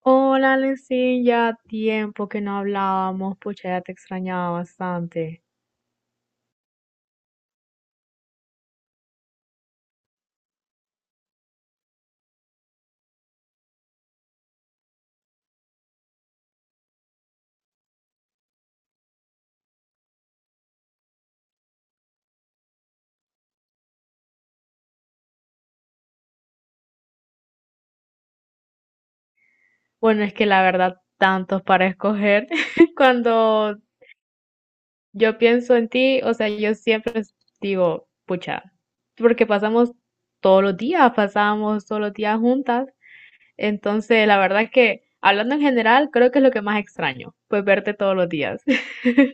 Hola, Lencin, ya tiempo que no hablábamos, pucha, ya te extrañaba bastante. Bueno, es que la verdad, tantos para escoger. Cuando yo pienso en ti, o sea, yo siempre digo, pucha, porque pasamos todos los días, pasábamos todos los días juntas. Entonces, la verdad que, hablando en general, creo que es lo que más extraño, pues verte todos los días.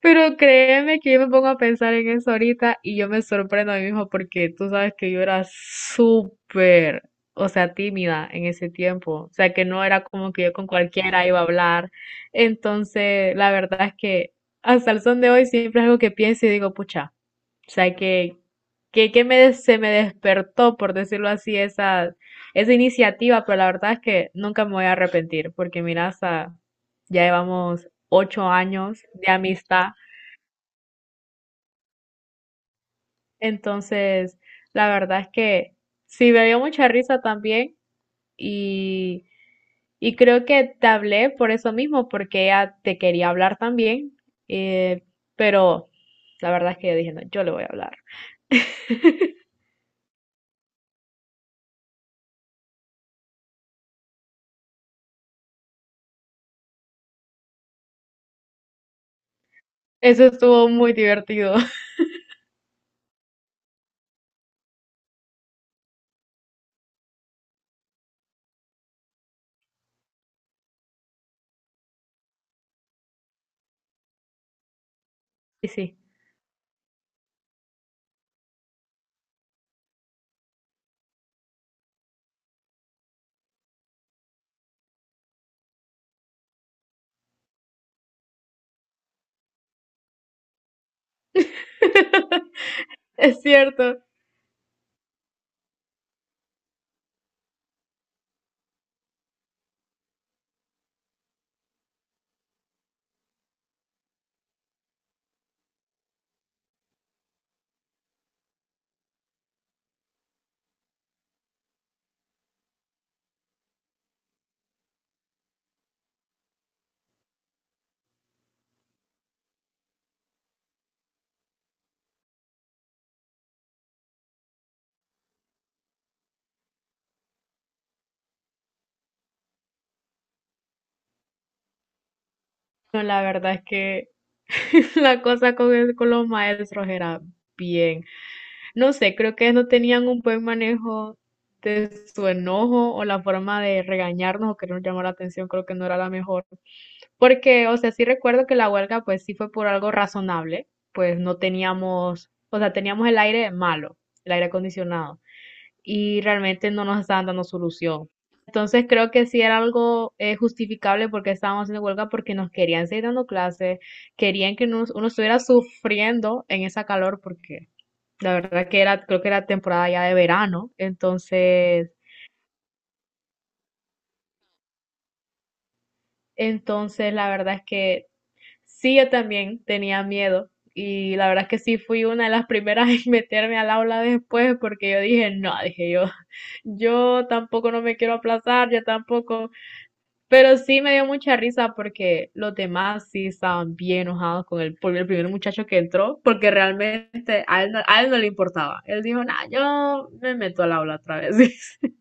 Pero créeme que yo me pongo a pensar en eso ahorita y yo me sorprendo a mí mismo porque tú sabes que yo era súper, o sea, tímida en ese tiempo. O sea, que no era como que yo con cualquiera iba a hablar. Entonces, la verdad es que hasta el son de hoy siempre es algo que pienso y digo, pucha, o sea, que me, se me despertó, por decirlo así, esa iniciativa, pero la verdad es que nunca me voy a arrepentir porque mira, hasta ya llevamos 8 años de amistad. Entonces, la verdad es que sí me dio mucha risa también y, y creo que te hablé por eso mismo, porque ella te quería hablar también, eh, pero la verdad es que yo dije, no, yo le voy a hablar. Eso estuvo muy divertido. Y sí, es cierto. No, la verdad es que la cosa con los maestros era bien. No sé, creo que no tenían un buen manejo de su enojo o la forma de regañarnos o querernos llamar la atención, creo que no era la mejor. Porque, o sea, sí recuerdo que la huelga pues sí fue por algo razonable, pues no teníamos, o sea, teníamos el aire malo, el aire acondicionado, y realmente no nos estaban dando solución. Entonces creo que sí era algo justificable porque estábamos haciendo huelga porque nos querían seguir dando clases, querían que uno estuviera sufriendo en esa calor porque la verdad que era, creo que era temporada ya de verano, entonces, la verdad es que sí, yo también tenía miedo y la verdad es que sí fui una de las primeras en meterme al aula después porque yo dije, no, dije yo, yo tampoco no me quiero aplazar, yo tampoco, pero sí me dio mucha risa porque los demás sí estaban bien enojados con por el primer muchacho que entró porque realmente a él no le importaba, él dijo, no, yo me meto al aula otra vez.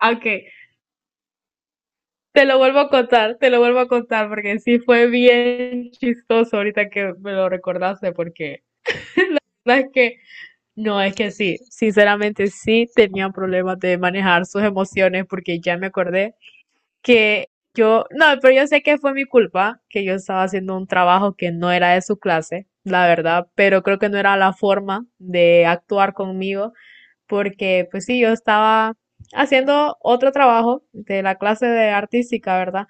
Ok, te lo vuelvo a contar, te lo vuelvo a contar, porque sí fue bien chistoso ahorita que me lo recordaste, porque sabes que no, es que sí, sinceramente sí tenía problemas de manejar sus emociones, porque ya me acordé que yo, no, pero yo sé que fue mi culpa, que yo estaba haciendo un trabajo que no era de su clase, la verdad, pero creo que no era la forma de actuar conmigo, porque pues sí, yo estaba haciendo otro trabajo de la clase de artística, ¿verdad?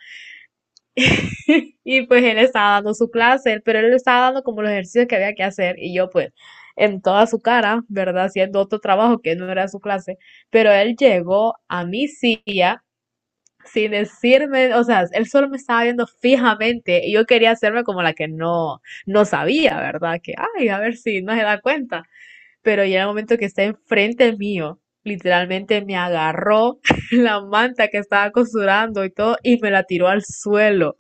Y pues él estaba dando su clase, pero él estaba dando como los ejercicios que había que hacer y yo pues en toda su cara, ¿verdad? Haciendo otro trabajo que no era su clase, pero él llegó a mi silla sin decirme, o sea, él solo me estaba viendo fijamente y yo quería hacerme como la que no, no sabía, ¿verdad? Que, ay, a ver si no se da cuenta, pero ya en el momento que está enfrente mío, literalmente me agarró la manta que estaba costurando y todo y me la tiró al suelo.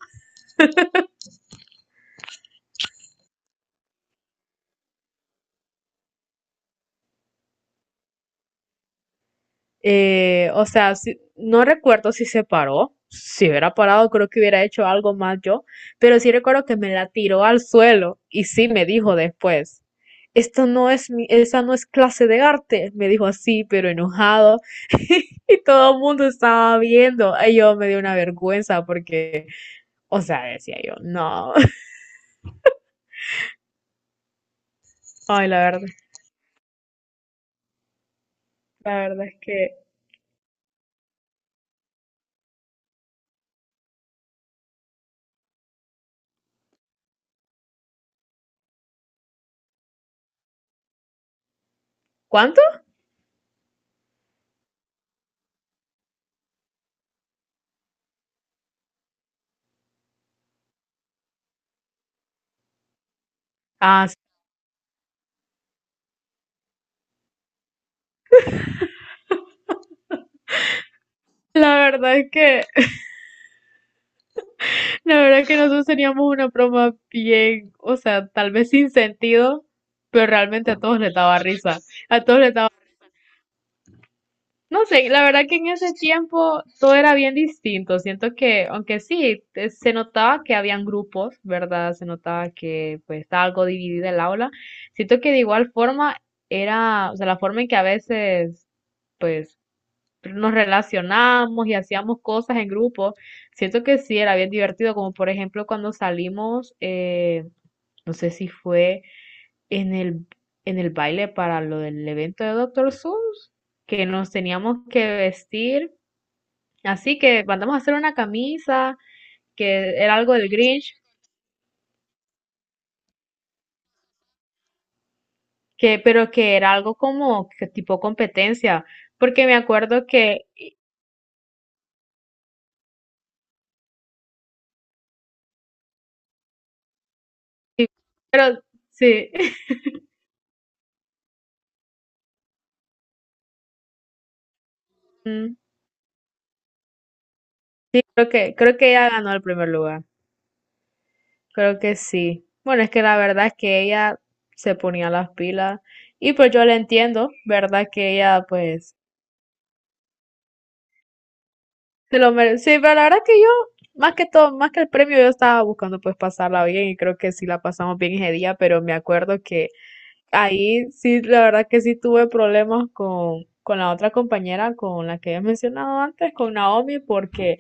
O sea, no recuerdo si se paró. Si hubiera parado, creo que hubiera hecho algo más yo. Pero sí recuerdo que me la tiró al suelo y sí me dijo después. Esto no es mi, esa no es clase de arte, me dijo así, pero enojado. Y todo el mundo estaba viendo. Y yo me dio una vergüenza porque, o sea, decía yo, no. Ay, la verdad es que. ¿Cuánto? Ah, sí. La verdad es que la verdad que nosotros teníamos una broma bien, o sea, tal vez sin sentido, pero realmente a todos les daba risa. A todos les daba, no sé, la verdad que en ese tiempo todo era bien distinto. Siento que, aunque sí, se notaba que habían grupos, ¿verdad? Se notaba que pues estaba algo dividida el aula. Siento que de igual forma era, o sea, la forma en que a veces pues nos relacionábamos y hacíamos cosas en grupo. Siento que sí, era bien divertido, como por ejemplo cuando salimos, no sé si fue en el, en el baile para lo del evento de Doctor Seuss, que nos teníamos que vestir. Así que mandamos a hacer una camisa, que era algo del Grinch, que, pero que era algo como que tipo competencia, porque me acuerdo que, pero sí, creo que ella ganó el primer lugar. Creo que sí. Bueno, es que la verdad es que ella se ponía las pilas y pues yo la entiendo, ¿verdad? Que ella pues se lo merece. Sí, pero la verdad que yo, más que todo, más que el premio, yo estaba buscando pues pasarla bien y creo que sí la pasamos bien ese día, pero me acuerdo que ahí sí, la verdad que sí tuve problemas con la otra compañera, con la que había mencionado antes, con Naomi, porque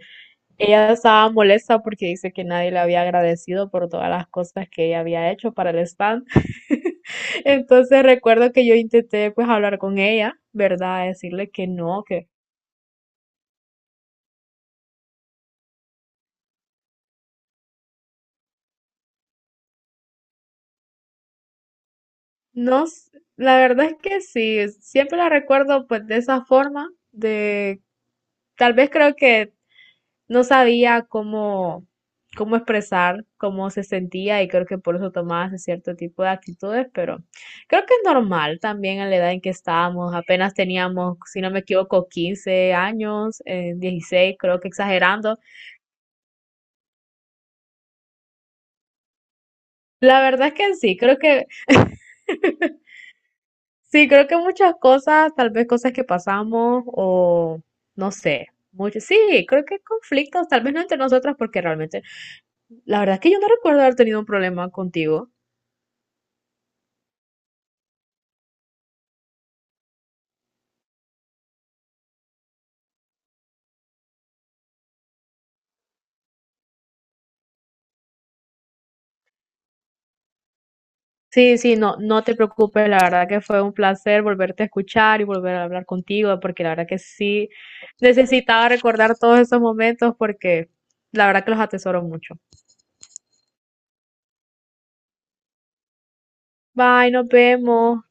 ella estaba molesta porque dice que nadie le había agradecido por todas las cosas que ella había hecho para el stand. Entonces recuerdo que yo intenté pues hablar con ella, ¿verdad? Decirle que no, la verdad es que sí, siempre la recuerdo pues de esa forma, de tal vez creo que no sabía cómo expresar cómo se sentía y creo que por eso tomaba ese cierto tipo de actitudes, pero creo que es normal también a la edad en que estábamos, apenas teníamos, si no me equivoco, 15 años, 16 creo que exagerando. La verdad es que sí, creo que sí, creo que muchas cosas, tal vez cosas que pasamos o no sé, mucho, sí, creo que conflictos, tal vez no entre nosotras porque realmente, la verdad es que yo no recuerdo haber tenido un problema contigo. Sí, sí, no, no te preocupes, la verdad que fue un placer volverte a escuchar y volver a hablar contigo porque la verdad que sí necesitaba recordar todos esos momentos porque la verdad que los atesoro mucho. Bye, nos vemos.